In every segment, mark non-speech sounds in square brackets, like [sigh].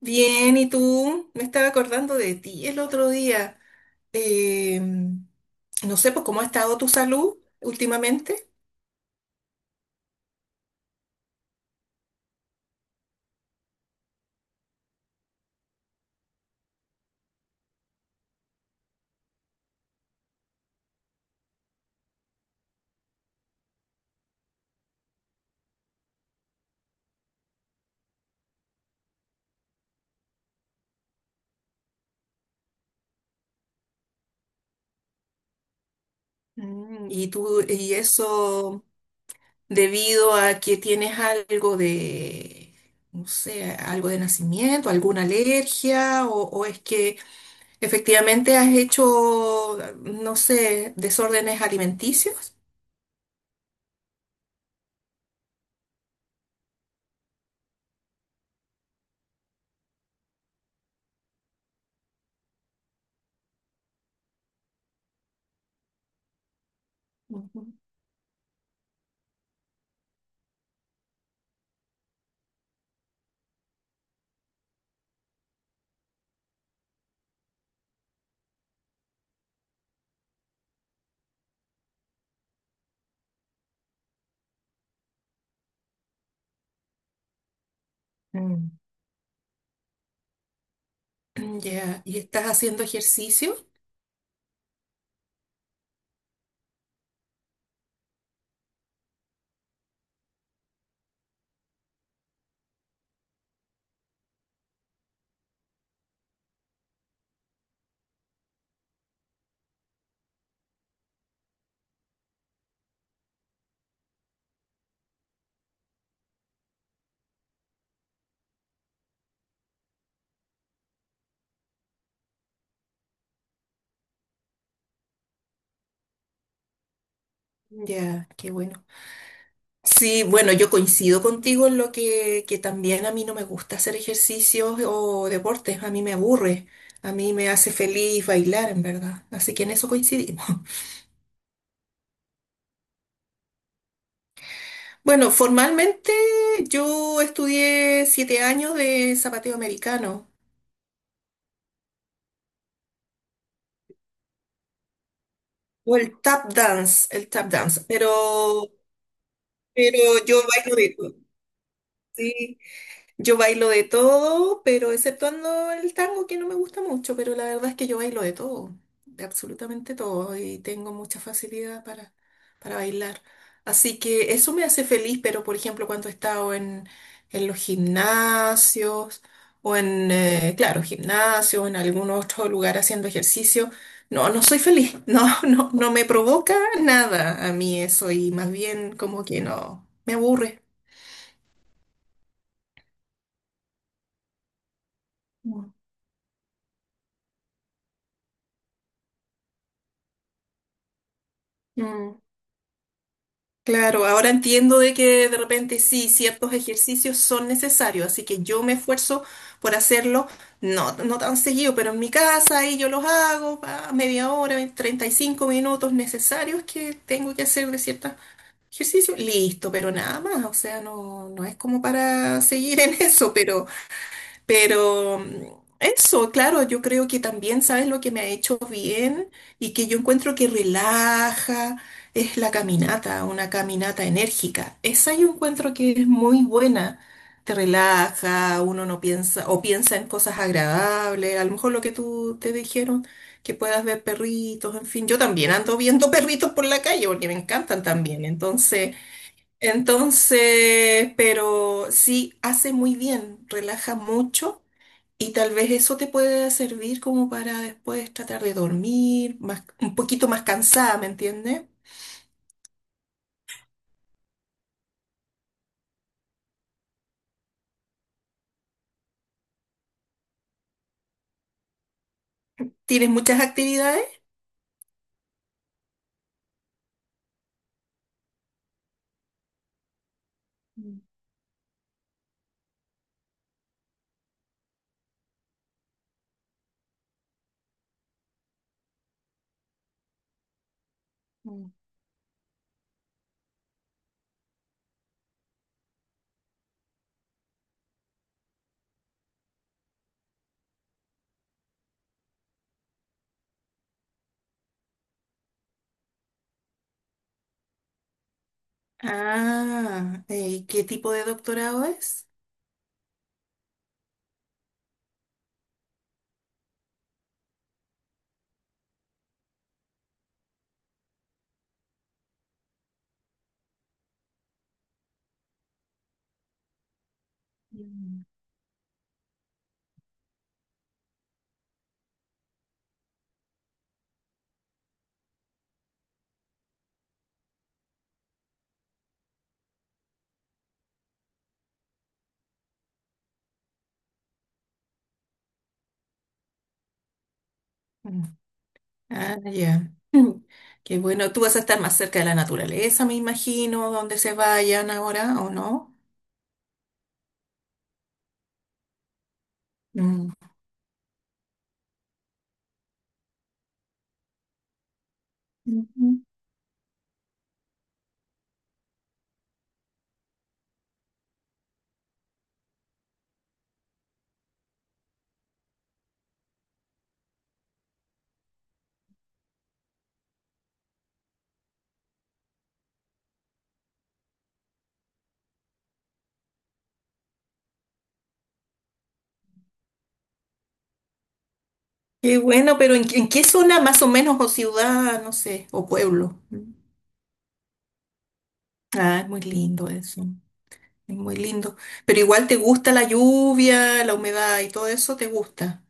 Bien, ¿y tú? Me estaba acordando de ti el otro día. No sé, pues, ¿cómo ha estado tu salud últimamente? Mm. Y tú, y eso debido a que tienes algo de, no sé, algo de nacimiento, alguna alergia, o es que efectivamente has hecho, no sé, desórdenes alimenticios. Mm. Ya, ¿y estás haciendo ejercicio? Ya, qué bueno. Sí, bueno, yo coincido contigo en lo que también a mí no me gusta hacer ejercicios o deportes, a mí me aburre, a mí me hace feliz bailar, en verdad. Así que en eso coincidimos. [laughs] Bueno, formalmente yo estudié 7 años de zapateo americano o el tap dance, pero yo bailo de todo. Sí. Yo bailo de todo, pero exceptuando el tango que no me gusta mucho, pero la verdad es que yo bailo de todo, de absolutamente todo, y tengo mucha facilidad para bailar. Así que eso me hace feliz, pero por ejemplo cuando he estado en los gimnasios o en, claro, gimnasio o en algún otro lugar haciendo ejercicio, no, no soy feliz, [laughs] no, no, no me provoca nada a mí eso y más bien como que no, me aburre. Mm. Mm. Claro, ahora entiendo de que de repente sí, ciertos ejercicios son necesarios, así que yo me esfuerzo por hacerlo, no, no tan seguido, pero en mi casa ahí yo los hago, pa, media hora, 20, 35 minutos necesarios que tengo que hacer de ciertos ejercicios, listo, pero nada más, o sea, no, no es como para seguir en [laughs] eso, pero, eso, claro, yo creo que también, ¿sabes lo que me ha hecho bien? Y que yo encuentro que relaja, es la caminata, una caminata enérgica. Esa yo encuentro que es muy buena. Te relaja, uno no piensa, o piensa en cosas agradables, a lo mejor lo que tú te dijeron, que puedas ver perritos, en fin, yo también ando viendo [laughs] perritos por la calle porque me encantan también, entonces, pero sí, hace muy bien, relaja mucho y tal vez eso te puede servir como para después tratar de dormir más, un poquito más cansada, ¿me entiendes? ¿Tienes muchas actividades? Mm. Ah, ¿y qué tipo de doctorado es? Mm. Mm. Ah, ya. Mm. Qué bueno. Tú vas a estar más cerca de la naturaleza, me imagino, donde se vayan ahora, ¿o no? Mm. Ujú. Qué bueno, pero ¿en qué zona más o menos, o ciudad, no sé, o pueblo? Mm. Ah, es muy lindo eso. Es muy lindo. Pero igual te gusta la lluvia, la humedad y todo eso, te gusta.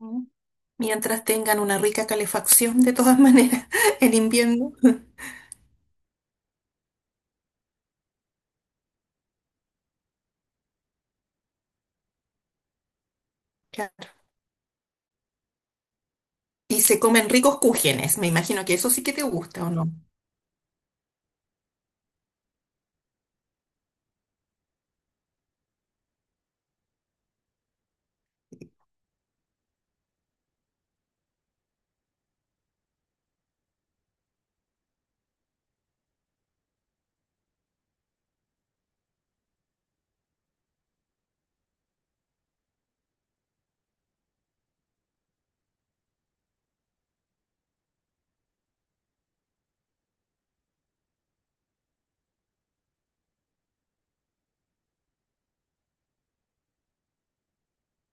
Ujú. Mientras tengan una rica calefacción, de todas maneras, [laughs] en invierno. Claro. Y se comen ricos cúgenes. Me imagino que eso sí que te gusta, ¿o no?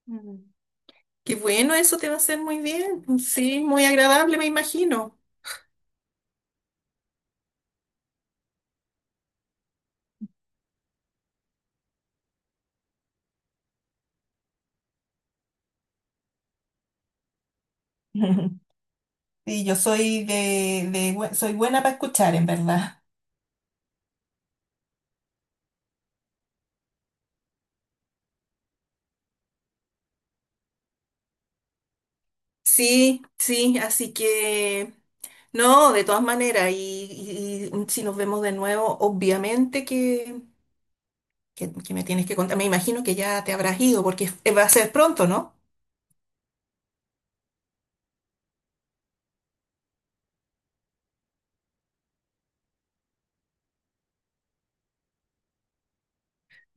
Mm. Qué bueno, eso te va a hacer muy bien. Sí, muy agradable, me imagino. [laughs] Y yo soy soy buena para escuchar, en verdad. Sí, sí, así que no, de todas maneras, y si nos vemos de nuevo, obviamente que me tienes que contar, me imagino que ya te habrás ido, porque va a ser pronto, ¿no?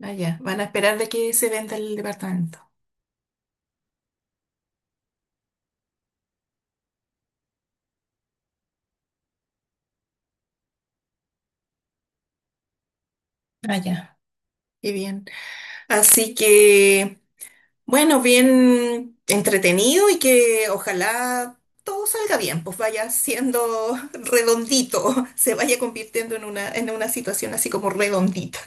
Ah, ya, van a esperar de que se venda el departamento. Ah, ya. Qué bien. Así que... Bueno, bien entretenido y que ojalá todo salga bien, pues vaya siendo [laughs] redondito, se vaya convirtiendo en una, situación así como redondita.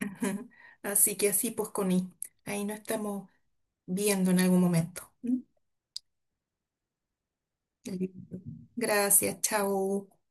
Ujú. Así que así pues, Connie, ahí nos estamos viendo en algún momento. ¿Mm? Listo. Gracias, chao.